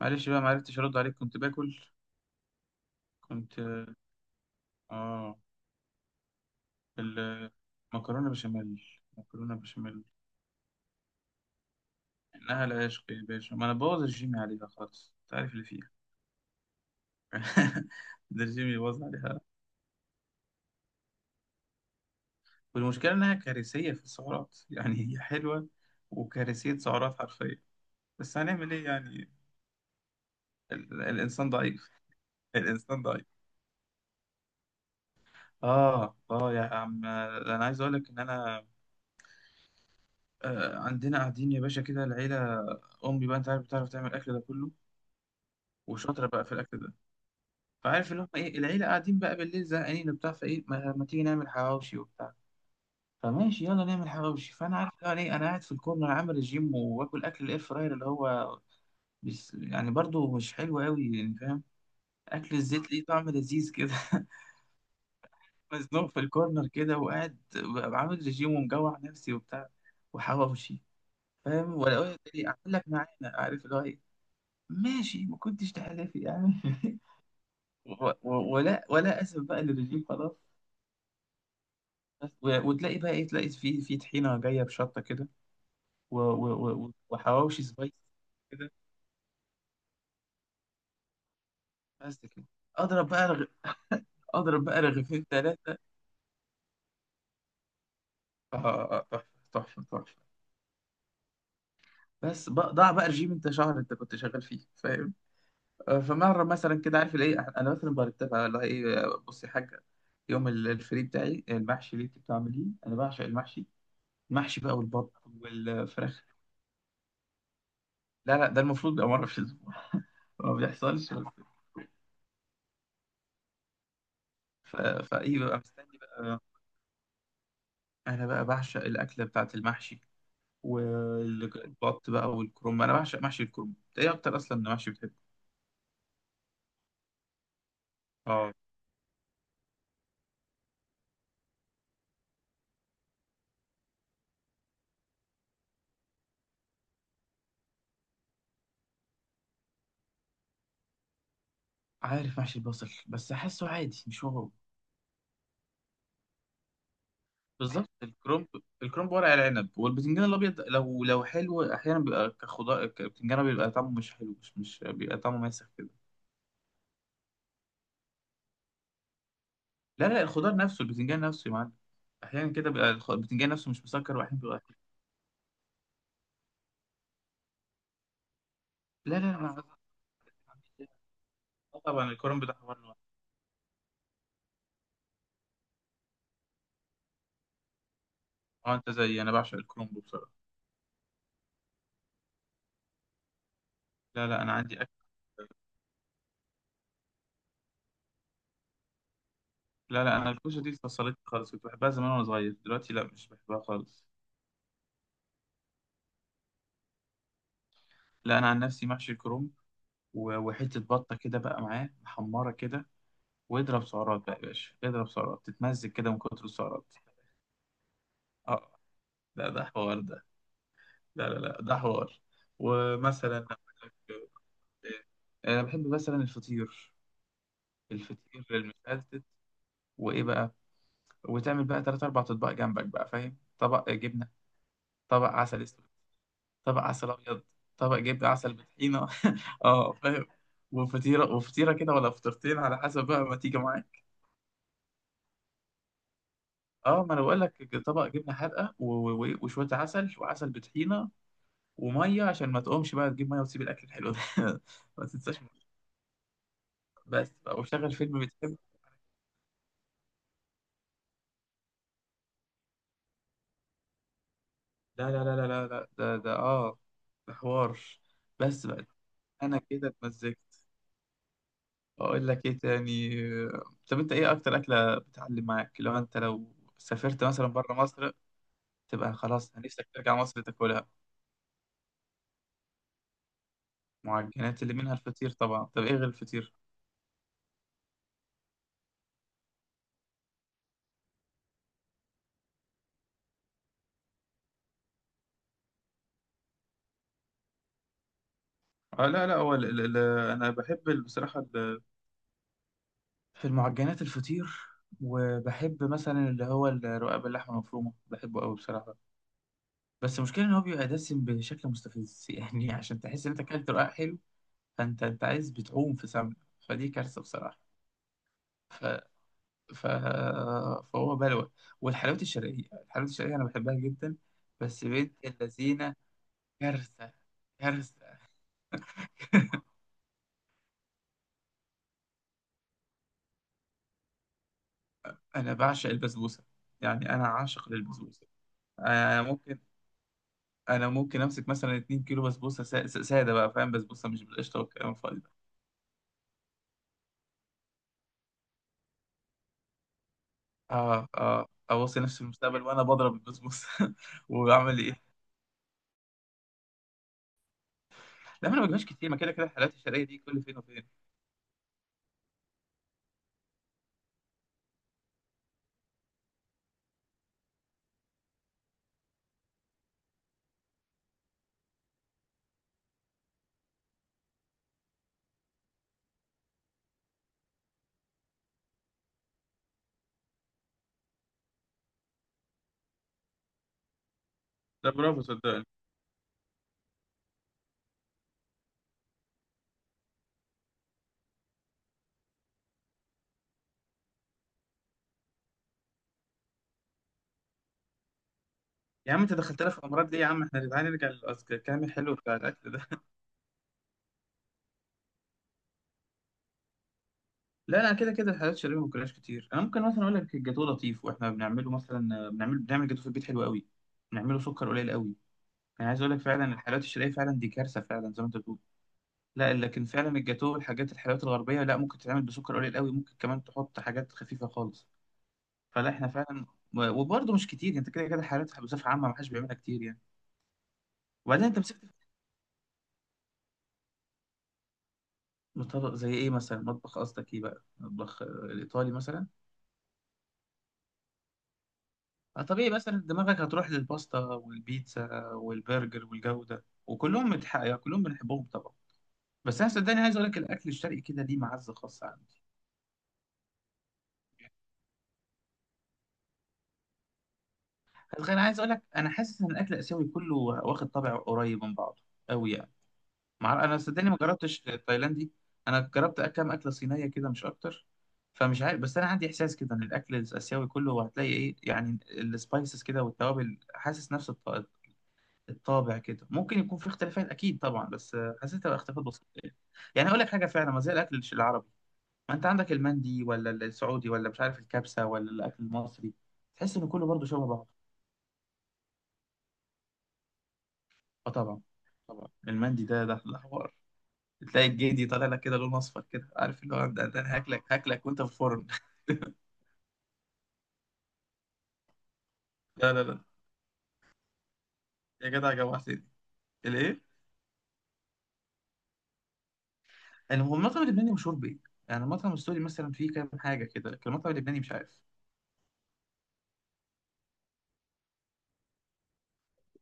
معلش بقى معرفتش ارد عليك، كنت باكل. كنت. اه. المكرونه بشاميل، مكرونه بشاميل. انها العشق يا باشا، ما انا بوظ الجيم عليها خالص، انت عارف اللي فيها. ده الجيم يبوظ عليها. والمشكله انها كارثيه في السعرات، يعني هي حلوه وكارثيه سعرات حرفيا. بس هنعمل ايه يعني. الانسان ضعيف. الانسان ضعيف. اه، اه، يا عم انا عايز اقول لك ان انا، آه، عندنا قاعدين يا باشا كده العيله. امي بقى انت عارف بتعرف تعمل الاكل ده كله، وشاطره بقى في الاكل ده. فعارف اللي هم ايه، العيله قاعدين بقى بالليل زهقانين وبتاع، فايه ما تيجي نعمل حواوشي وبتاع. فماشي يلا نعمل حواوشي، فانا عارف اللي هو ايه، انا قاعد في الكورنر عامل رجيم وباكل اكل الاير فراير اللي هو بس يعني برضو مش حلو قوي، يعني فاهم. اكل الزيت ليه طعم لذيذ كده. مزنوق في الكورنر كده، وقاعد ببقى عامل رجيم ومجوع نفسي وبتاع، وحواوشي. فاهم؟ ولا اقول لك ايه، اعمل لك معانا عارف اللي هو ايه. ماشي، ما كنتش تحلفي يعني. ولا اسف بقى للرجيم خلاص. بس وتلاقي بقى ايه، تلاقي في طحينه جايه بشطه كده، وحواوشي سبايس كده. بس كده. اضرب بقى رغ... اضرب بقى رغيفين ثلاثه. اه، آه، آه، تحفه، تحفه، تحفه. بس بقى ضاع بقى رجيم انت شهر انت كنت شغال فيه، فاهم؟ فمره مثلا كده، عارف الايه، انا مثلا برتبها اللي هو ايه، بصي يا حاجه، يوم الفري بتاعي، المحشي اللي انت بتعمليه انا بعشق المحشي. المحشي بقى والبط والفراخ. لا لا، ده المفروض يبقى مره في الاسبوع. ما بيحصلش. فايه ببقى مستني بقى. انا بقى بعشق الاكله بتاعت المحشي والبط بقى والكرنب. انا بعشق محشي الكرنب. انت ايه اكتر اصلا محشي بتحبه؟ اه. عارف محشي البصل، بس احسه عادي مش واو. بالظبط الكرنب. الكرنب، ورق العنب، والبتنجان الابيض لو لو حلو احيانا بيبقى كخضار، البتنجان بيبقى طعمه مش حلو، مش بيبقى طعمه ماسخ كده. لا لا، الخضار نفسه، البتنجان نفسه يا معلم. احيانا كده بيبقى البتنجان نفسه مش مسكر، واحيانا بيبقى حلو. لا لا لا، آه طبعا، الكرنب ده حوار لوحده. اه، انت زيي، انا بعشق الكرنب بصراحه. لا لا، انا عندي اكل. لا لا، انا الكوسه دي فصلتني خالص، كنت بحبها زمان وانا صغير، دلوقتي لا، مش بحبها خالص. لا انا عن نفسي محشي الكرنب، وحته بطه كده بقى معاه محمره كده، واضرب سعرات بقى يا باشا، اضرب سعرات، تتمزج كده من كتر السعرات. اه. لا ده حوار ده. لا لا لا، ده حوار. ومثلا أقول لك، انا بحب مثلا الفطير، الفطير المشلتت. وايه بقى؟ وتعمل بقى تلات أربع أطباق جنبك بقى، فاهم؟ طبق جبنة، طبق عسل أسود، طبق عسل أبيض، طبق جبنة، عسل بطحينة. اه، فاهم. وفطيرة وفطيرة كده، ولا فطيرتين على حسب بقى ما تيجي معاك. اه ما أنا بقول لك، طبق جبنة حادقة، وشوية عسل، وعسل بطحينة، ومية، عشان ما تقومش بقى تجيب مية وتسيب الأكل الحلو ده. ما تنساش مية. بس بقى، وشغل فيلم بتحبه. لا لا لا لا لا لا، ده اه، ده حوار. بس بقى أنا كده اتمزجت. اقول لك ايه تاني؟ طب انت ايه اكتر اكله بتعلم معاك، لو انت لو سافرت مثلا بره مصر، تبقى خلاص نفسك ترجع مصر تاكلها؟ معجنات اللي منها الفطير طبعا، طب ايه غير الفطير؟ اه، لا لا، هو انا بحب بصراحه، في المعجنات الفطير. وبحب مثلا اللي هو الرقاق باللحمه المفرومه، بحبه قوي بصراحه. بس المشكله ان هو بيبقى دسم بشكل مستفز، يعني عشان تحس ان انت اكلت رقاق حلو، فانت عايز بتعوم في سمنه. فدي كارثه بصراحه. ف... فهو بلوى. والحلويات الشرقية، الحلويات الشرقية أنا بحبها جدا. بس بنت اللذينة، كارثة، كارثة. أنا بعشق البسبوسة، يعني أنا عاشق للبسبوسة. أنا ممكن أنا ممكن أمسك مثلا 2 كيلو بسبوسة، سادة بقى، فاهم؟ بسبوسة مش بالقشطة والكلام الفاضي ده. آه، آه، أوصي نفسي المستقبل وأنا بضرب البسبوسة. وبعمل إيه؟ لا ما أنا ما بجيبهاش كتير، ما كده كده الحلويات الشرقية دي كل فين وفين. لا، برافو، صدقني. يا عم انت دخلتنا في الامراض ليه يا عم، احنا تعالى نرجع للكلام الحلو بتاع الاكل ده. لا انا كده كده الحلويات الشرقية ما باكلهاش كتير. انا ممكن مثلا اقول لك الجاتوه لطيف، واحنا بنعمله مثلا، بنعمل جاتوه في البيت حلو قوي، بنعمله سكر قليل قوي. انا عايز اقول لك، فعلا الحلويات الشرقيه فعلا دي كارثه فعلا زي ما انت بتقول. لا لكن فعلا الجاتوه والحاجات الحلويات الغربيه، لا ممكن تتعمل بسكر قليل قوي، ممكن كمان تحط حاجات خفيفه خالص. فلا احنا فعلا. وبرضه مش كتير، انت كده كده الحلويات بصفه عامه ما حدش بيعملها كتير يعني. وبعدين انت مسكت. طبق زي ايه مثلا؟ مطبخ قصدك ايه بقى؟ مطبخ الايطالي مثلا؟ طبيعي مثلا دماغك هتروح للباستا والبيتزا والبرجر والجو ده، وكلهم يعني كلهم بنحبهم طبعا، بس انا صدقني عايز اقول لك الاكل الشرقي كده ليه معزه خاصه عندي. أنا عايز اقول لك، انا حاسس ان الاكل الاسيوي كله واخد طابع قريب من بعضه قوي يعني. مع انا صدقني ما جربتش تايلاندي، انا جربت كام اكله صينيه كده مش اكتر. فمش عارف، بس انا عندي احساس كده ان الاكل الاسيوي كله هتلاقي ايه، يعني السبايسز كده والتوابل، حاسس نفس الطابع كده. ممكن يكون في اختلافات اكيد طبعا، بس حسيتها بقى اختلافات بسيطه يعني. يعني اقول لك حاجه، فعلا ما زي الاكل العربي. ما انت عندك المندي، ولا السعودي، ولا مش عارف الكبسه، ولا الاكل المصري، تحس ان كله برضه شبه بعض. اه طبعا. طبعا المندي ده حوار. تلاقي الجدي طالع لك كده لون اصفر كده، عارف اللي هو، ده انا هاكلك، هاكلك وانت في الفرن. لا لا لا. يا جدع جوعتني. الايه؟ المهم المطعم اللبناني مشهور بايه؟ يعني المطعم السوري مثلا فيه كام حاجه كده، لكن المطعم اللبناني مش عارف.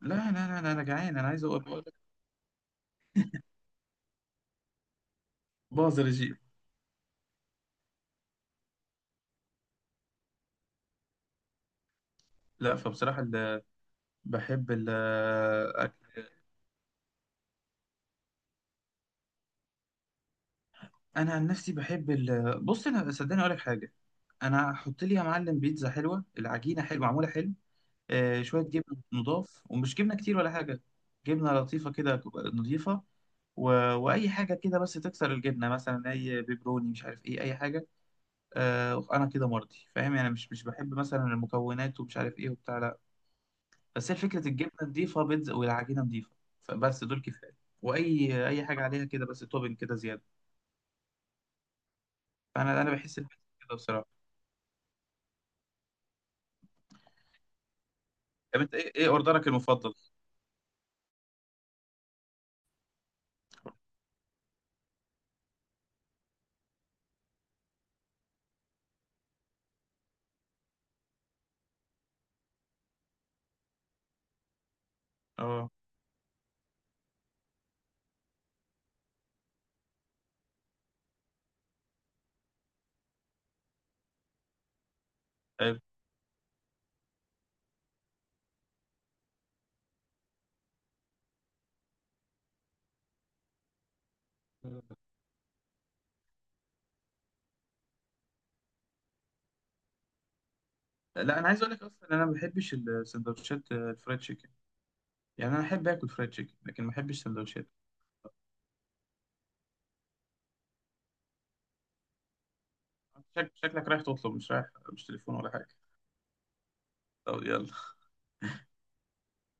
لا لا لا لا، انا جعان، انا عايز اقول. باظ رجيم. لا فبصراحة بحب الأكل. أنا عن نفسي بحب بص، أنا صدقني أقول لك حاجة، أنا هحط لي يا معلم بيتزا حلوة، العجينة حلوة، معمولة حلو، شوية جبنة نضاف، ومش جبنة كتير ولا حاجة، جبنة لطيفة كده نضيفة، و... وأي حاجة كده بس تكسر الجبنة، مثلا أي بيبروني، مش عارف إيه، أي حاجة. أنا كده مرضي، فاهم يعني؟ مش بحب مثلا المكونات ومش عارف إيه وبتاع، لا. بس هي فكرة الجبنة نضيفة، بيتزا والعجينة نضيفة، فبس دول كفاية. وأي حاجة عليها كده بس توبنج كده زيادة. فأنا بحس البيتزا كده بصراحة. طب أنت إيه أوردرك المفضل؟ أه، حلو. لا أنا عايز أقول لك أصلا أنا ما بحبش السندوتشات الفرايد تشيكن، يعني أنا أحب آكل فرايد تشيكن لكن ما بحبش سندوتشات. شكلك رايح تطلب، مش رايح مش تليفون ولا حاجة. طب يلا.